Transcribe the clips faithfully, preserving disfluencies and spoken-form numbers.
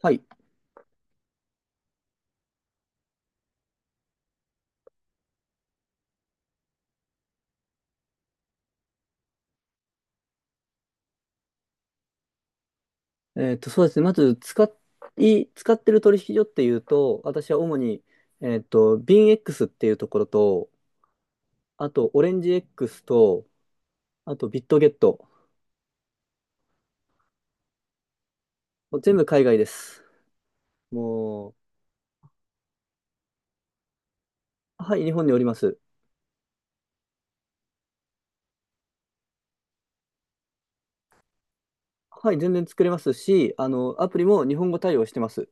はい。えっと、そうですね。まず、使い、使ってる取引所っていうと、私は主に、えっと、BinX っていうところと、あと、オレンジ X と、あと、ビットゲット。もう全部海外です。もう、はい、日本におります。はい、全然作れますし、あの、アプリも日本語対応してます。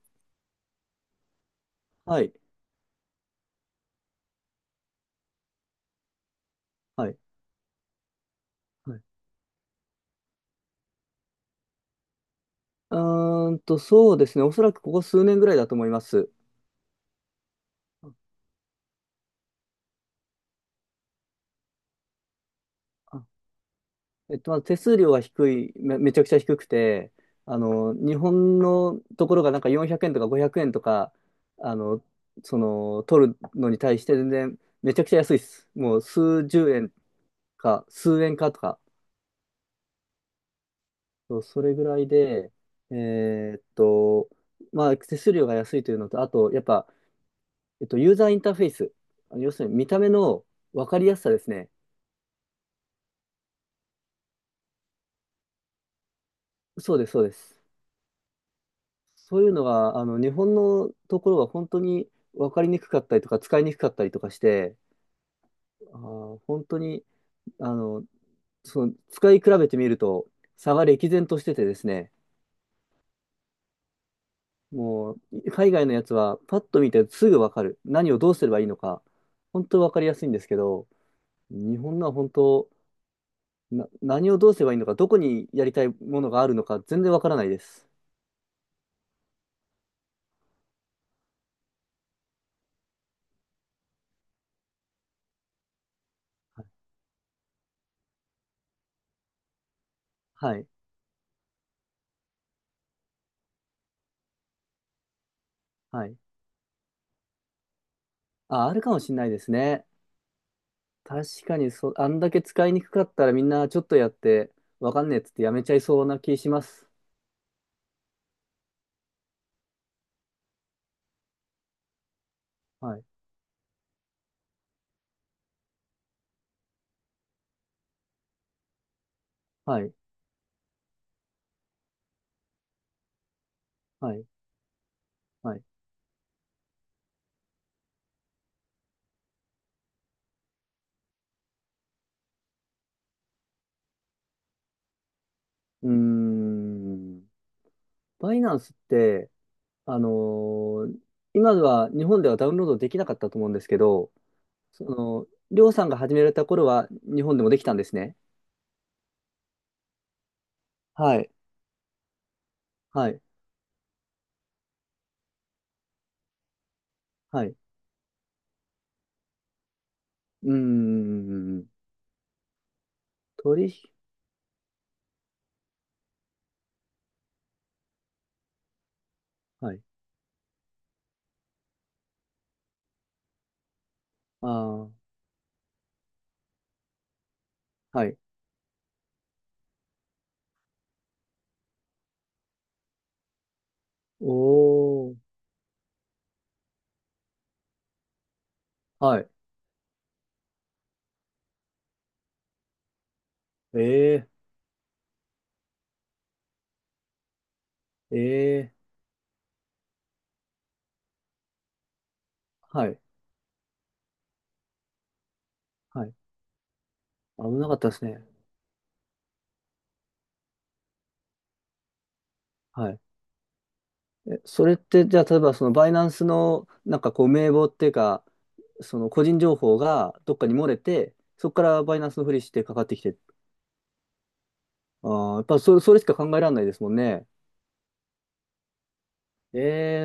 はい、はい。はい、うーんと、そうですね。おそらくここ数年ぐらいだと思います。えっと、まず手数料が低い、め、めちゃくちゃ低くて、あの、日本のところがなんかよんひゃくえんとかごひゃくえんとか、あの、その、取るのに対して全然めちゃくちゃ安いです。もう数十円か、数円かとか、そうそれぐらいで、えーっと、まあ、手数料が安いというのと、あと、やっぱ、えっと、ユーザーインターフェース、あの要するに見た目の分かりやすさですね。そうです、そうです。そういうのが、あの、日本のところは本当に分かりにくかったりとか、使いにくかったりとかして、あー、本当に、あの、その、使い比べてみると、差が歴然としててですね、もう、海外のやつは、パッと見てすぐ分かる。何をどうすればいいのか、本当分かりやすいんですけど、日本のは本当、な、何をどうすればいいのか、どこにやりたいものがあるのか、全然分からないです。はい。はい。あ、あるかもしれないですね。確かにそあんだけ使いにくかったらみんなちょっとやって、わかんねえっつってやめちゃいそうな気します。はい、はい、はい、はい。うーん。バイナンスって、あのー今では日本ではダウンロードできなかったと思うんですけど、その、りょうさんが始められた頃は日本でもできたんですね。はい、はい、はい。うーん。取引、はい。ああ、はい。おー、はい。ええ、ええ、はい。はい危なかったですね。はい。え、それって、じゃあ、例えば、その、バイナンスの、なんかこう、名簿っていうか、その、個人情報がどっかに漏れて、そこからバイナンスのふりしてかかってきて、ああ、やっぱそれ、それしか考えられないですもんね。え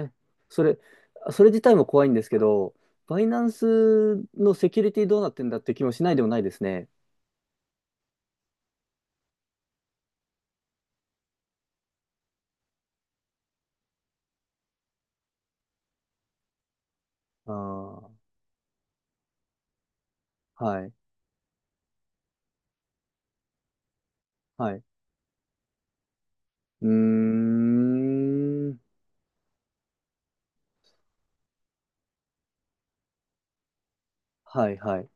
え、それ、それ自体も怖いんですけど、バイナンスのセキュリティどうなってんだって気もしないでもないですね。ああ、はい、はい。うーん、はい、はい、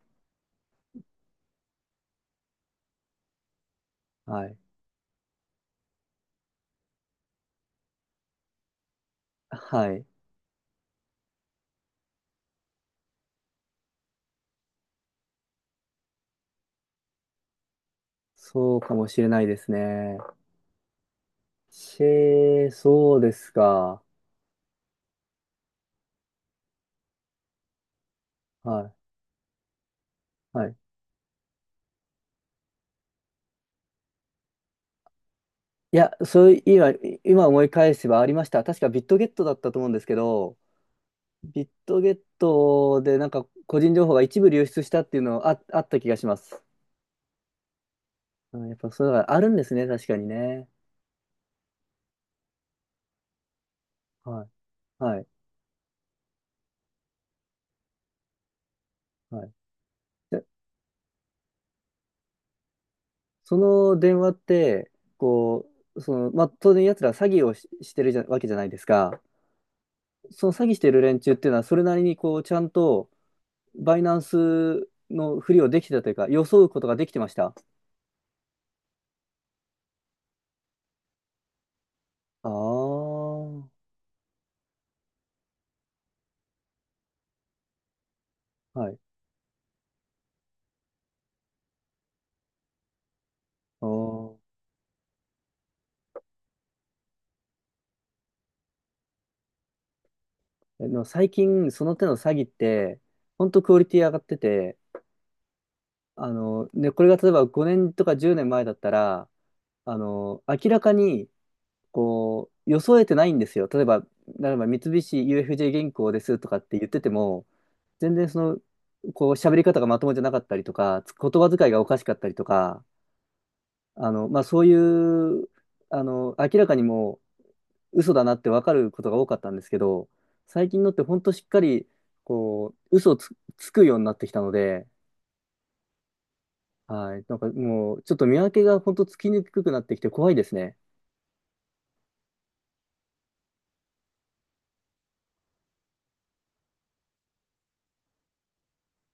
はい、はい。そうかもしれないですね。シェー、そうですか。はい。はい。いや、そういう、今、今思い返せばありました。確かビットゲットだったと思うんですけど、ビットゲットでなんか個人情報が一部流出したっていうのあ、あった気がします。うん、やっぱそういうのがあるんですね、確かにね。はい。はい。はい。で、その電話って、こう、その、まあ、当然奴ら詐欺をし、してるじゃ、わけじゃないですか。その詐欺してる連中っていうのは、それなりにこう、ちゃんと、バイナンスのふりをできてたというか、装うことができてました。ああ、はい。あーえでも最近、その手の詐欺って、ほんとクオリティ上がってて、あの、ね、これが例えばごねんとかじゅうねんまえだったら、あの、明らかに、こう、装えてないんですよ。例えば、例えば三菱 ユーエフジェー 銀行ですとかって言ってても、全然その、こう、喋り方がまともじゃなかったりとか、つ言葉遣いがおかしかったりとか、あの、まあ、そういう、あの、明らかにもう嘘だなって分かることが多かったんですけど、最近のって本当しっかり、こう、嘘をつ、つくようになってきたので、はい。なんかもう、ちょっと見分けが本当つきにくくなってきて怖いですね。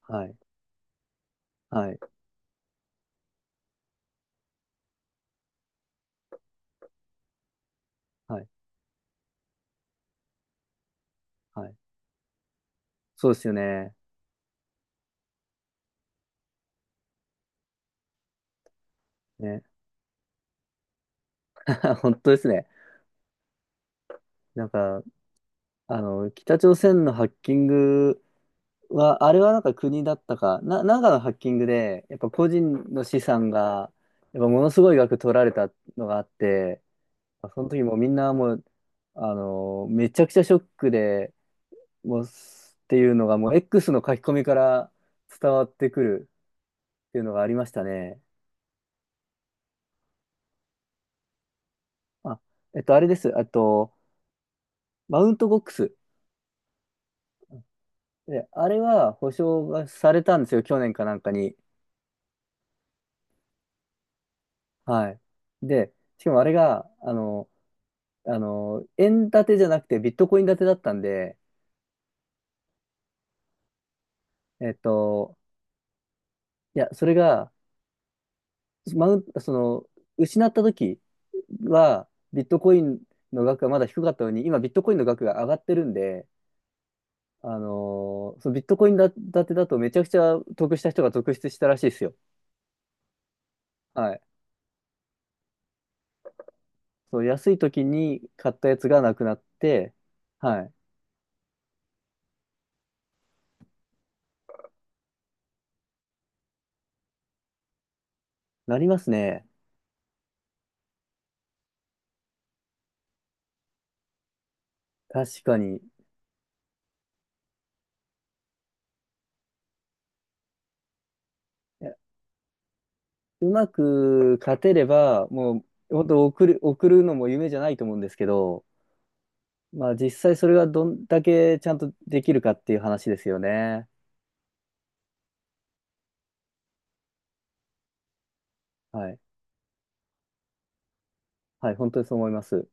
はい。はい。はい。はい。そうですよね。ね。本当ですね。なんか、あの、北朝鮮のハッキングは、あれはなんか国だったか、な、なんかのハッキングで、やっぱ個人の資産が、やっぱものすごい額取られたのがあって、その時もうみんなもう、あのめちゃくちゃショックで、もうす、っていうのがもう X の書き込みから伝わってくるっていうのがありましたね。まあ、えっと、あれです。あと、マウントボックス。で、あれは保証がされたんですよ。去年かなんかに。はい。で、しかもあれが、あのあの、円建てじゃなくてビットコイン建てだったんで、えっと、いや、それが、マウンその、失った時は、ビットコインの額がまだ低かったのに、今ビットコインの額が上がってるんで、あのーそのビットコインだ建てだとめちゃくちゃ得した人が続出したらしいですよ。はい。そう、安い時に買ったやつがなくなって、はい。なりますね。確かに。うまく勝てれば、もう、本当送る、送るのも夢じゃないと思うんですけど、まあ実際それがどんだけちゃんとできるかっていう話ですよね。はい。はい、本当にそう思います。